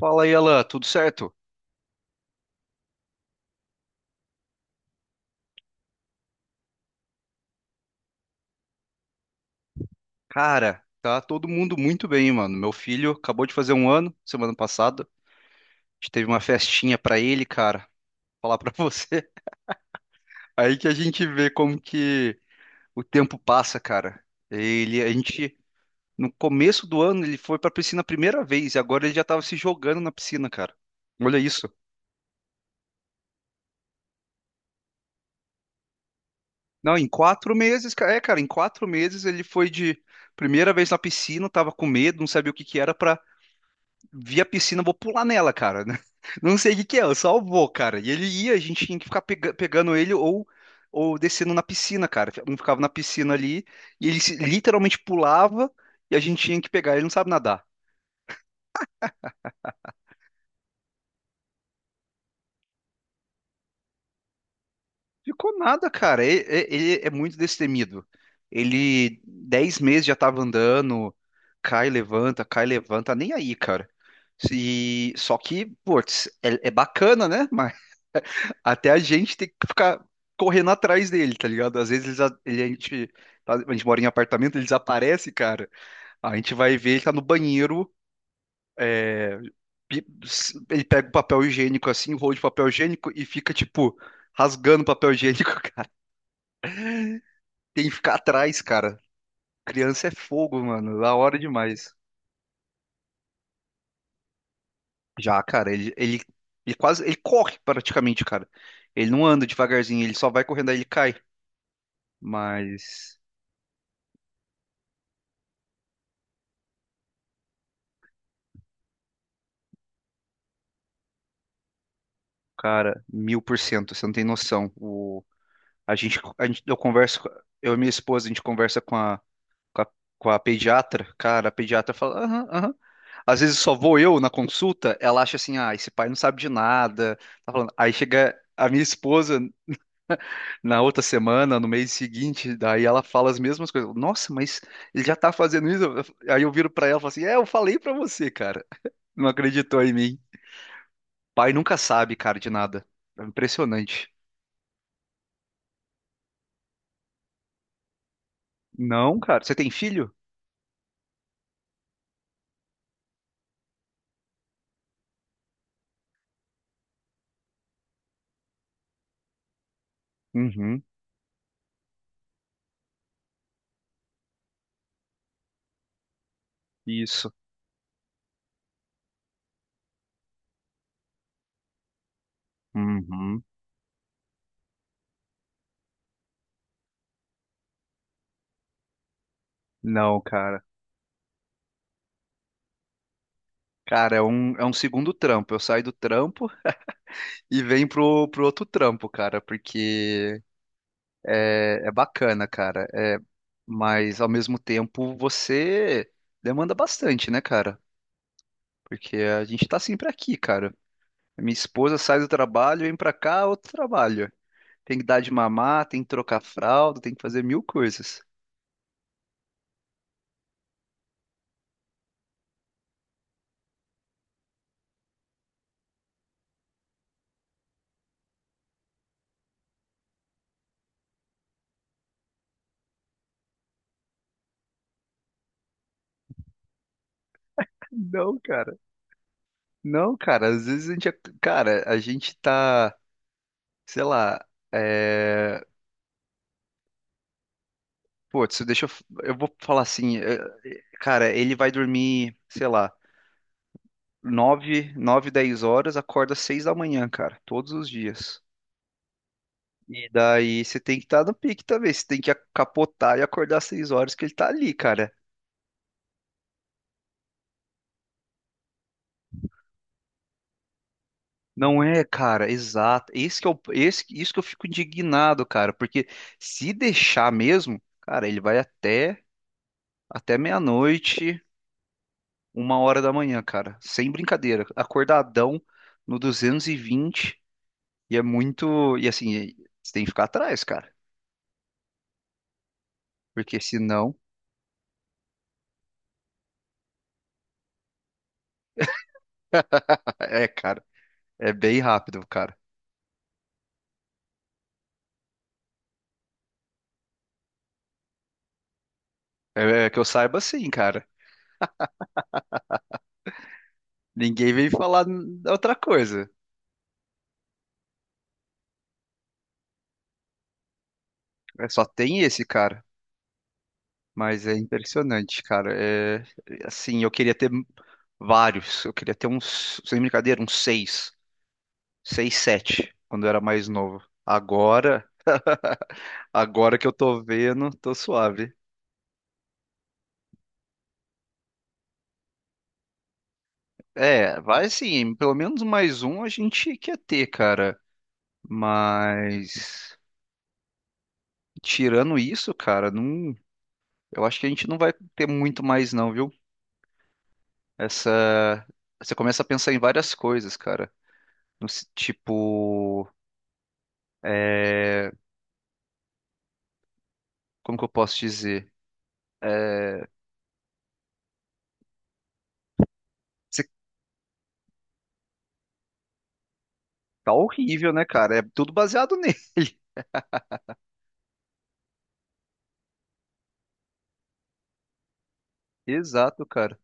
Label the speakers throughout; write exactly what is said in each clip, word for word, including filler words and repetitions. Speaker 1: Fala aí, Alan, tudo certo? Cara, tá todo mundo muito bem, mano. Meu filho acabou de fazer um ano, semana passada. A gente teve uma festinha pra ele, cara. Falar pra você. Aí que a gente vê como que o tempo passa, cara. Ele, a gente, no começo do ano, ele foi pra piscina a primeira vez, e agora ele já tava se jogando na piscina, cara. Olha isso. Não, em quatro meses, cara. É, cara, em quatro meses ele foi de primeira vez na piscina, tava com medo, não sabia o que que era, pra vi a piscina, vou pular nela, cara. Não sei o que que é, eu só vou, cara. E ele ia, a gente tinha que ficar pega- pegando ele, ou, ou descendo na piscina, cara. Um ficava na piscina ali, e ele se- literalmente pulava, e a gente tinha que pegar. Ele não sabe nadar. Ficou nada, cara. E- Ele é muito destemido. Ele, dez meses já tava andando, cai, levanta, cai, levanta, nem aí, cara. E, só que, putz, é, é bacana, né? Até a gente tem que ficar correndo atrás dele, tá ligado? Às vezes eles, a- ele, a gente, tá- a gente mora em apartamento, ele desaparece, cara. A gente vai ver, ele tá no banheiro, é, pi- s- ele pega o papel higiênico assim, o rolo de papel higiênico, e fica, tipo, rasgando o papel higiênico, cara. Tem que ficar atrás, cara. Criança é fogo, mano. Da hora demais. Já, cara, ele, ele, ele quase, ele corre praticamente, cara. Ele não anda devagarzinho, ele só vai correndo, aí ele cai. Mas cara, mil por cento, você não tem noção. O, a gente, a gente, eu converso, com- eu e minha esposa, a gente conversa com a, com a, com a pediatra. Cara, a pediatra fala, aham, aham. Às vezes só vou eu na consulta, ela acha assim, ah, esse pai não sabe de nada. Tá falando. Aí chega a minha esposa na outra semana, no mês seguinte, daí ela fala as mesmas coisas. Nossa, mas ele já tá fazendo isso? Aí eu viro pra ela e falo assim, é, eu falei pra você, cara. Não acreditou em mim. Pai nunca sabe, cara, de nada. É impressionante. Não, cara. Você tem filho? Uhum. Isso. Uhum. Não, cara. Cara, é um, é um segundo trampo. Eu saio do trampo e venho pro, pro outro trampo, cara, porque é, é bacana, cara. É, mas ao mesmo tempo você demanda bastante, né, cara? Porque a gente tá sempre aqui, cara. Minha esposa sai do trabalho, vem pra cá, outro trabalho. Tem que dar de mamar, tem que trocar fralda, tem que fazer mil coisas. Não, cara. Não, cara, às vezes a gente, é- cara, a gente tá, sei lá, é... putz, deixa eu, f- eu vou falar assim, é, cara, ele vai dormir, sei lá, nove, nove, dez horas, acorda seis da manhã, cara, todos os dias. E daí você tem que estar no pique também, você tem que a- capotar e acordar às seis horas, que ele tá ali, cara. Não é, cara, exato. Esse que é o, esse, isso que eu fico indignado, cara, porque se deixar mesmo, cara, ele vai até até meia-noite, uma hora da manhã, cara. Sem brincadeira. Acordadão no duzentos e vinte, e é muito. E assim, você tem que ficar atrás, cara. Porque senão. É, cara. É bem rápido, cara. É, é que eu saiba assim, cara. Ninguém vem falar n- outra coisa. É, só tem esse, cara. Mas é impressionante, cara. É, assim, eu queria ter vários. Eu queria ter uns, sem brincadeira, uns seis. Seis, sete, quando eu era mais novo. Agora, agora que eu tô vendo, tô suave. É, vai sim, pelo menos mais um a gente quer ter, cara. Mas tirando isso, cara, não, eu acho que a gente não vai ter muito mais não, viu? Essa, você começa a pensar em várias coisas, cara. No se- Tipo, é, como que eu posso dizer? É, você tá horrível, né, cara? É tudo baseado nele. Exato, cara.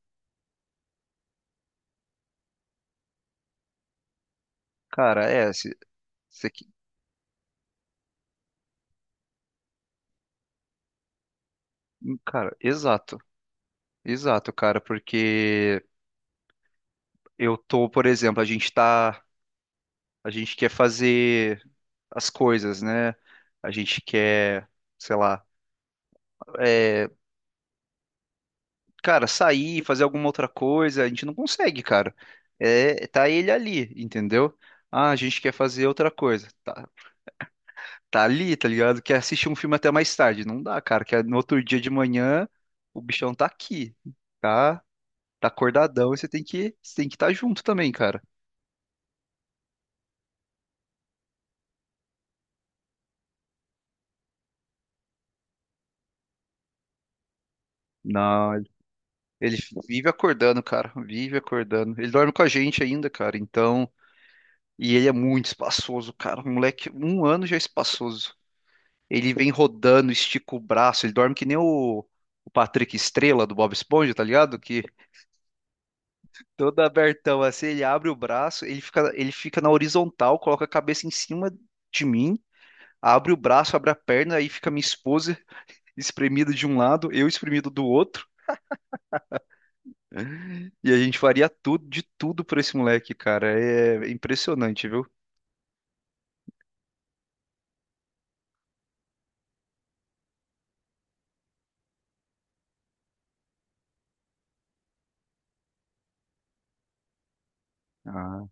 Speaker 1: Cara, é, se- você que- cara, exato. Exato, cara, porque eu tô, por exemplo, a gente tá a gente quer fazer as coisas, né? A gente quer, sei lá, é, cara, sair, fazer alguma outra coisa. A gente não consegue, cara. É, tá ele ali, entendeu? Ah, a gente quer fazer outra coisa. Tá, tá ali, tá ligado? Quer assistir um filme até mais tarde. Não dá, cara. Que é no outro dia de manhã o bichão tá aqui, tá? Tá acordadão, e você tem que, você tem que estar junto também, cara. Não, ele ele vive acordando, cara. Vive acordando. Ele dorme com a gente ainda, cara. Então. E ele é muito espaçoso, cara. O moleque, um ano já é espaçoso. Ele vem rodando, estica o braço, ele dorme que nem o, o Patrick Estrela do Bob Esponja, tá ligado? Que todo abertão assim, ele abre o braço, ele fica, ele fica na horizontal, coloca a cabeça em cima de mim, abre o braço, abre a perna, aí fica minha esposa espremida de um lado, eu espremido do outro, e a gente faria tudo, de tudo por esse moleque, cara. É é impressionante, viu? Ah,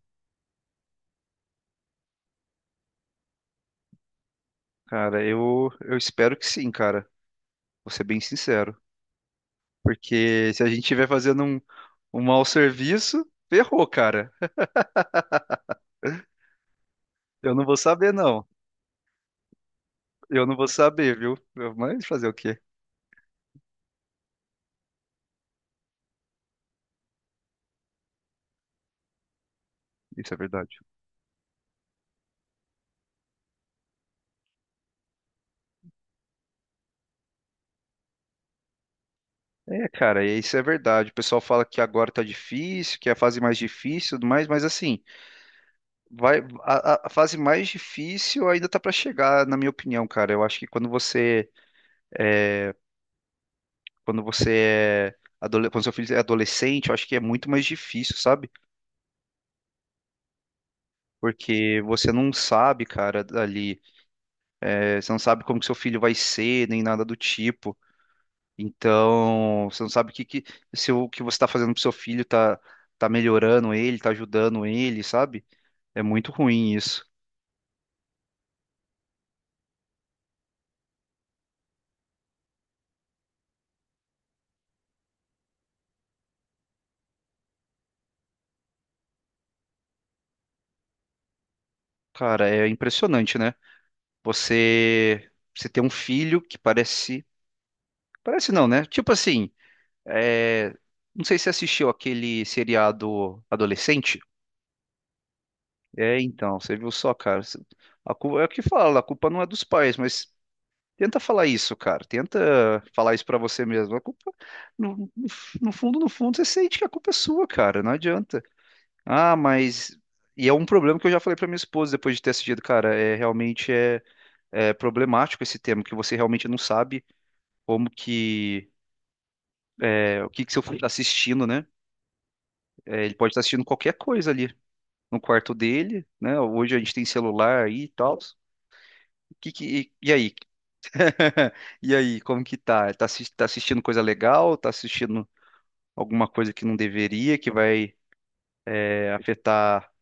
Speaker 1: cara, eu, eu espero que sim, cara. Vou ser bem sincero. Porque se a gente estiver fazendo um, um mau serviço, ferrou, cara. Eu não vou saber, não. Eu não vou saber, viu? Eu- Mas fazer o quê? Isso é verdade. É, cara, e isso é verdade. O pessoal fala que agora tá difícil, que é a fase mais difícil, e tudo mais, mas assim, vai, a, a- a fase mais difícil ainda tá pra chegar, na minha opinião, cara. Eu acho que quando você, quando você é, adole- quando seu filho é adolescente, eu acho que é muito mais difícil, sabe? Porque você não sabe, cara, ali. É, você não sabe como que seu filho vai ser, nem nada do tipo. Então, você não sabe o que, que- se o que você está fazendo pro seu filho tá, tá melhorando ele, tá ajudando ele, sabe? É muito ruim isso. Cara, é impressionante, né? Você, você ter um filho que parece. Parece não, né? Tipo assim, é, não sei se você assistiu aquele seriado adolescente. É, então, você viu só, cara. Você- A culpa, é o que fala, a culpa não é dos pais, mas tenta falar isso, cara. Tenta falar isso pra você mesmo. A culpa, no, no f- no fundo, no fundo, você sente que a culpa é sua, cara. Não adianta. Ah, mas. E é um problema que eu já falei pra minha esposa depois de ter assistido, cara. É realmente é, é problemático esse tema, que você realmente não sabe como que é, o que que seu filho está assistindo, né? É, ele pode estar assistindo qualquer coisa ali no quarto dele, né? Hoje a gente tem celular aí e tal. O que que- e e aí? E aí, como que tá? Tá assis- tá assistindo coisa legal? Tá assistindo alguma coisa que não deveria, que vai é, afetar,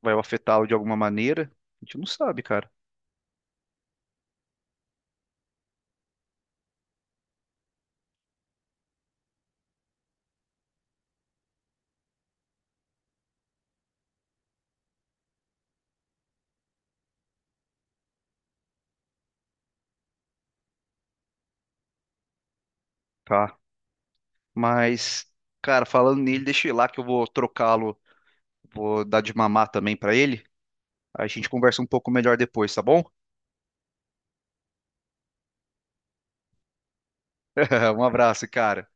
Speaker 1: vai afetá-lo de alguma maneira. A gente não sabe, cara. Tá. Mas, cara, falando nele, deixa eu ir lá que eu vou trocá-lo, vou dar de mamar também pra ele. A gente conversa um pouco melhor depois, tá bom? Um abraço, cara.